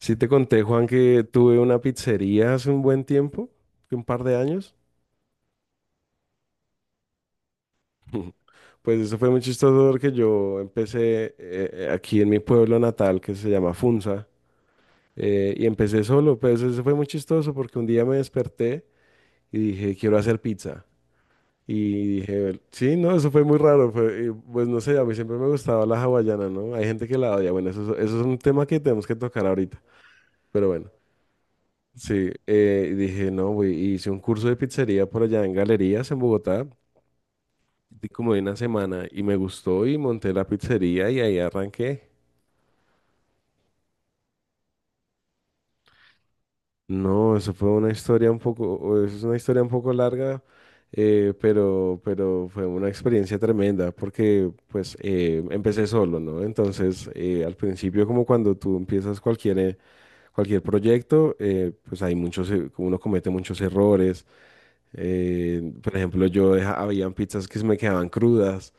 Sí te conté, Juan, que tuve una pizzería hace un buen tiempo, que un par de años. Pues eso fue muy chistoso porque yo empecé aquí en mi pueblo natal, que se llama Funza. Y empecé solo. Pues eso fue muy chistoso porque un día me desperté y dije, quiero hacer pizza. Y dije, sí, no, eso fue muy raro. Y, pues no sé, a mí siempre me gustaba la hawaiana, ¿no? Hay gente que la odia. Bueno, eso, eso es un tema que tenemos que tocar ahorita, pero bueno. Sí, y dije, no, güey, hice un curso de pizzería por allá en Galerías, en Bogotá, de como de una semana, y me gustó y monté la pizzería y ahí arranqué. No, eso fue una historia un poco, o es una historia un poco larga, pero fue una experiencia tremenda porque pues empecé solo, ¿no? Entonces, al principio como cuando tú empiezas cualquier, cualquier proyecto, pues hay muchos, uno comete muchos errores. Por ejemplo, yo habían pizzas que se me quedaban crudas,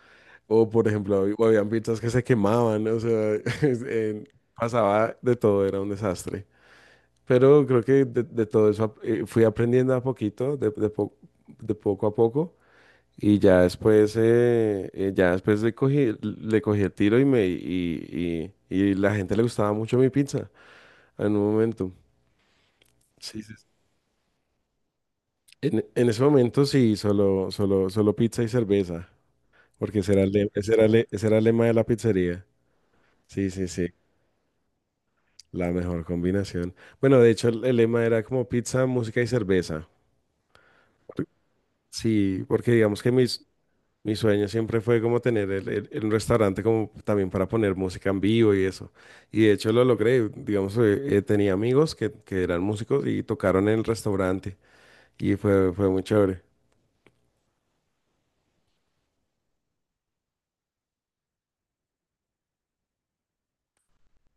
o por ejemplo, hab- o habían pizzas que se quemaban, o sea, es- eh, pasaba de todo, era un desastre. Pero creo que de todo eso fui aprendiendo a poquito, de poco a poco, y ya después le cogí el tiro y y la gente le gustaba mucho mi pizza en un momento. Sí, sí, sí. En ese momento sí, solo, solo, solo pizza y cerveza. Porque ese era ese era ese era el lema de la pizzería. Sí, sí, sí. La mejor combinación. Bueno, de hecho, el lema era como pizza, música y cerveza. Por- Sí, porque digamos que mis, mi sueño siempre fue como tener un restaurante como también para poner música en vivo y eso. Y de hecho lo logré. Digamos, tenía amigos que eran músicos y tocaron en el restaurante. Y fue, fue muy chévere.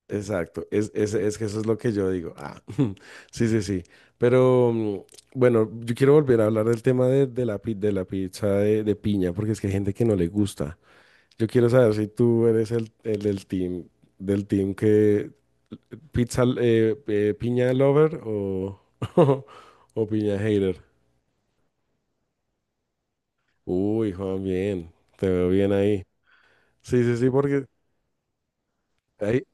Exacto, es que eso es lo que yo digo. Ah, sí, sí, sí. Pero bueno, yo quiero volver a hablar del tema de, de la pizza de piña, porque es que hay gente que no le gusta. Yo quiero saber si tú eres el del team que pizza piña lover o, o piña hater. Uy, Juan, bien, te veo bien ahí. Sí, sí, sí, porque ahí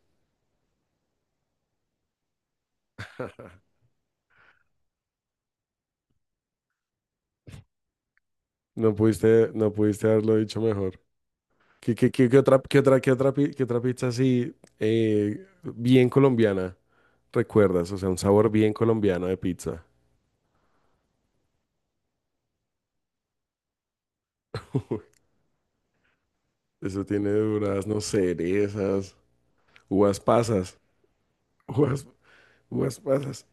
no pudiste, no pudiste haberlo dicho mejor. ¿Qué, qué otra, qué otra, qué otra pizza así bien colombiana recuerdas? O sea, un sabor bien colombiano de pizza. Uy, eso tiene duraznos, cerezas, uvas pasas. Uvas, uvas pasas.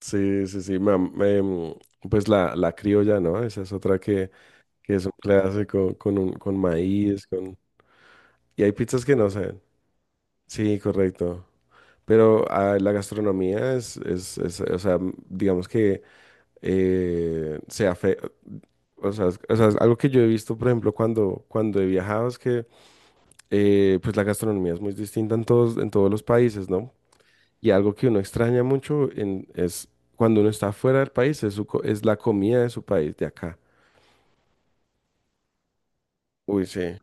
Sí, sí, sí. Pues la criolla, ¿no? Esa es otra que es un clásico con, un, con maíz, con... Y hay pizzas que no saben. Sí, correcto. Pero la gastronomía es, o sea, digamos que... eh, sea fe- O sea, es algo que yo he visto, por ejemplo, cuando, cuando he viajado es que pues la gastronomía es muy distinta en todos los países, ¿no? Y algo que uno extraña mucho es cuando uno está fuera del país, es, es la comida de su país, de acá. Uy, sí.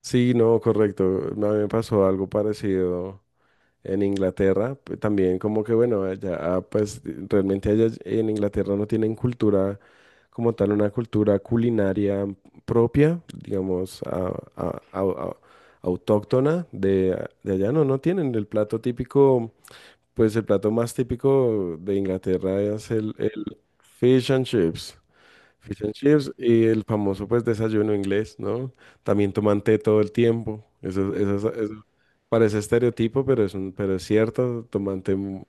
Sí, no, correcto. A mí me pasó algo parecido en Inglaterra, también como que bueno, allá pues realmente allá en Inglaterra no tienen cultura como tal, una cultura culinaria propia, digamos, a- a- a- autóctona de allá, no, no tienen el plato típico, pues el plato más típico de Inglaterra es el fish and chips. Fish and chips y el famoso pues desayuno inglés, ¿no? También toman té todo el tiempo. Eso, parece estereotipo, pero es un, pero es cierto, tomante.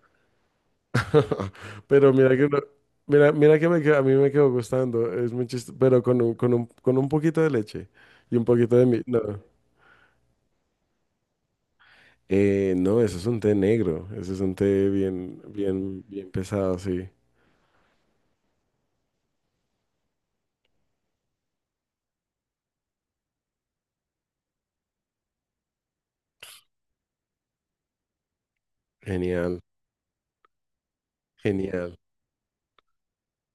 Pero mira que no- mira, mira que a mí me quedó gustando, es muy chistoso, pero con un, con un, con un poquito de leche y un poquito de mi, no. No, eso es un té negro, eso es un té bien, bien, bien pesado, sí. Genial, genial.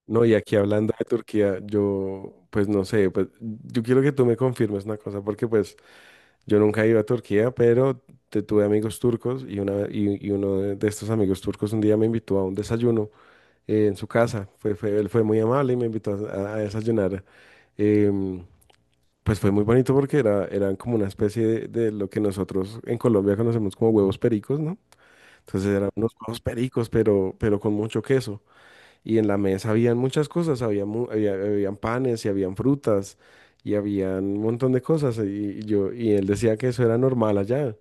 No, y aquí hablando de Turquía, yo, pues no sé, pues yo quiero que tú me confirmes una cosa, porque pues yo nunca he ido a Turquía, pero tuve amigos turcos y, una, y uno de estos amigos turcos un día me invitó a un desayuno en su casa. Fue, él fue muy amable y me invitó a desayunar. Em, pues fue muy bonito porque era, eran como una especie de lo que nosotros en Colombia conocemos como huevos pericos, ¿no? Entonces eran unos huevos pericos, pero con mucho queso. Y en la mesa habían muchas cosas, había, habían panes y habían frutas y habían un montón de cosas. Y yo, y él decía que eso era normal allá,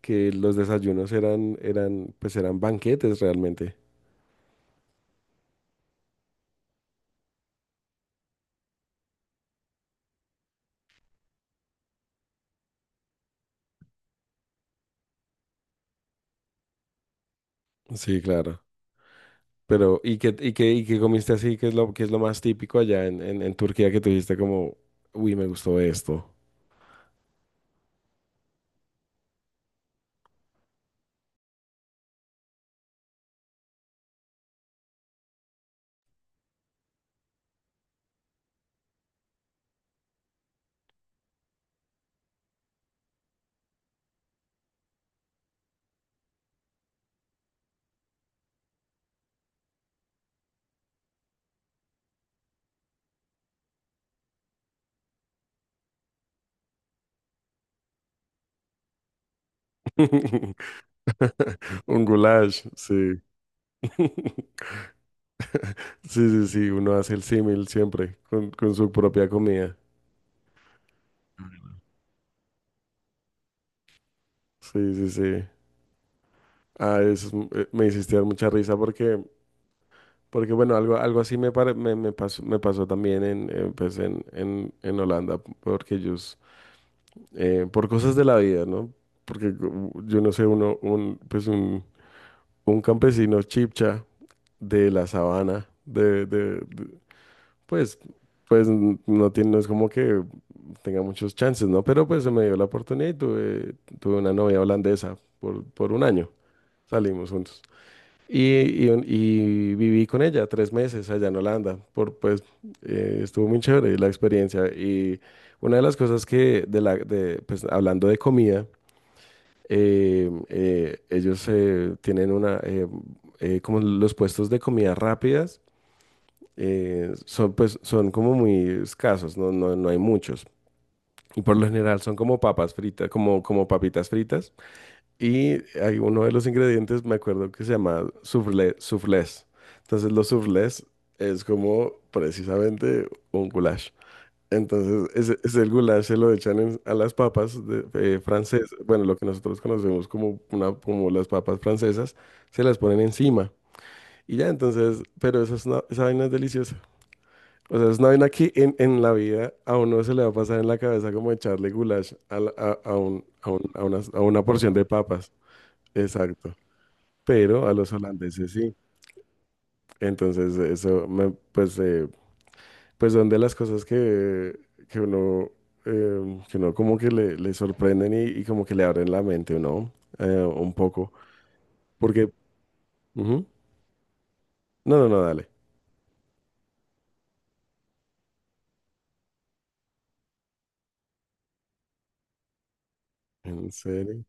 que los desayunos eran, eran, pues eran banquetes realmente. Sí, claro. Pero, ¿y qué, y qué, y qué comiste así? Qué es lo más típico allá en Turquía que tuviste como, uy, me gustó esto? Un goulash, sí. Sí, sí, sí, uno hace el símil siempre con su propia comida. Sí, sí, sí. Ah, eso es me hiciste dar mucha risa porque, porque bueno, algo, algo así me, me pasó también en, pues en Holanda, porque ellos por cosas de la vida, ¿no? Porque yo no sé, uno, un, pues un campesino chipcha de la sabana, pues, no tiene, no es como que tenga muchos chances, ¿no? Pero pues se me dio la oportunidad y tuve, tuve una novia holandesa por un año. Salimos juntos. Y, y viví con ella tres meses allá en Holanda, por, pues estuvo muy chévere la experiencia. Y una de las cosas que, de la, de, pues hablando de comida, ellos tienen una, como los puestos de comida rápidas, son, pues, son como muy escasos, no, no, no hay muchos. Y por lo general son como papas fritas, como, como papitas fritas y hay uno de los ingredientes, me acuerdo que se llama soufflé, soufflés. Entonces los soufflés es como precisamente un goulash. Entonces ese el goulash se lo echan a las papas de, francesas, bueno, lo que nosotros conocemos como, una, como las papas francesas, se las ponen encima. Y ya, entonces, pero esa, es una- esa vaina es deliciosa. O sea, es una vaina que en la vida a uno se le va a pasar en la cabeza como echarle goulash a, a a una porción de papas. Exacto, pero a los holandeses sí. Entonces, eso, pues, pues son de las cosas que uno, que uno como que le sorprenden y como que le abren la mente, ¿no? Un poco, porque, ujú. No, no, no, dale. ¿En serio?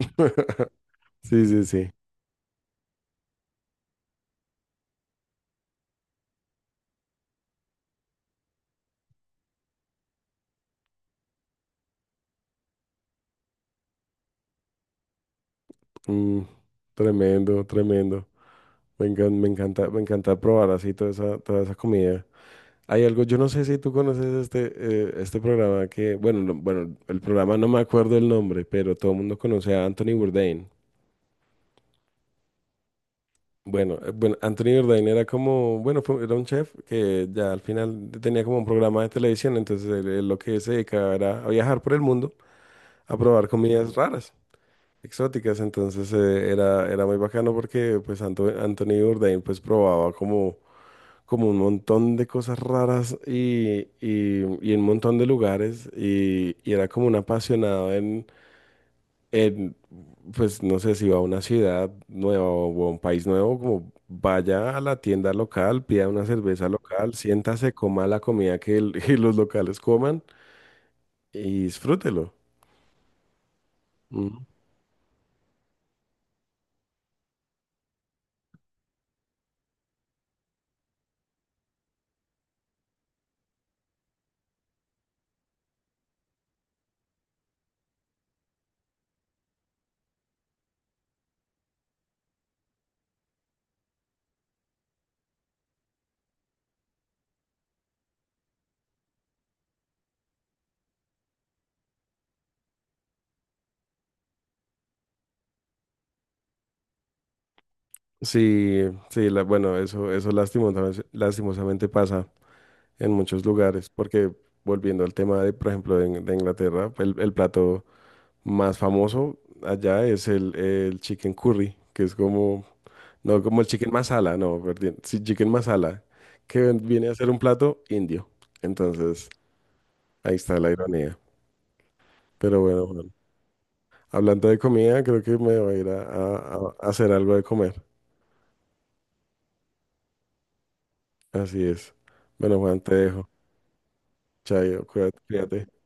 Sí, sí, sí. Mm, tremendo, tremendo. Me encanta, me encanta probar así toda esa comida. Hay algo, yo no sé si tú conoces este, este programa que, bueno, bueno, el programa no me acuerdo el nombre, pero todo el mundo conoce a Anthony Bourdain. Bueno, bueno, Anthony Bourdain era como, bueno, era un chef que ya al final tenía como un programa de televisión, entonces él lo que se dedicaba era a viajar por el mundo, a probar comidas raras, exóticas, entonces era, era muy bacano porque pues Anthony Bourdain pues probaba como, como un montón de cosas raras y en un montón de lugares y era como un apasionado en, pues no sé si va a una ciudad nueva o a un país nuevo, como vaya a la tienda local, pida una cerveza local, siéntase, coma la comida que, que los locales coman y disfrútelo. Mm. Sí, sí, bueno, eso lastimosamente, lastimosamente pasa en muchos lugares porque... Volviendo al tema de, por ejemplo, de, de Inglaterra, el plato más famoso allá es el chicken curry, que es como, no como el chicken masala, no, perdón, sí, chicken masala, que viene a ser un plato indio. Entonces, ahí está la ironía. Pero bueno, bueno, hablando de comida, creo que me voy a ir a, a hacer algo de comer. Así es. Bueno, Juan, te dejo. Chayo, cuídate. Cuídate.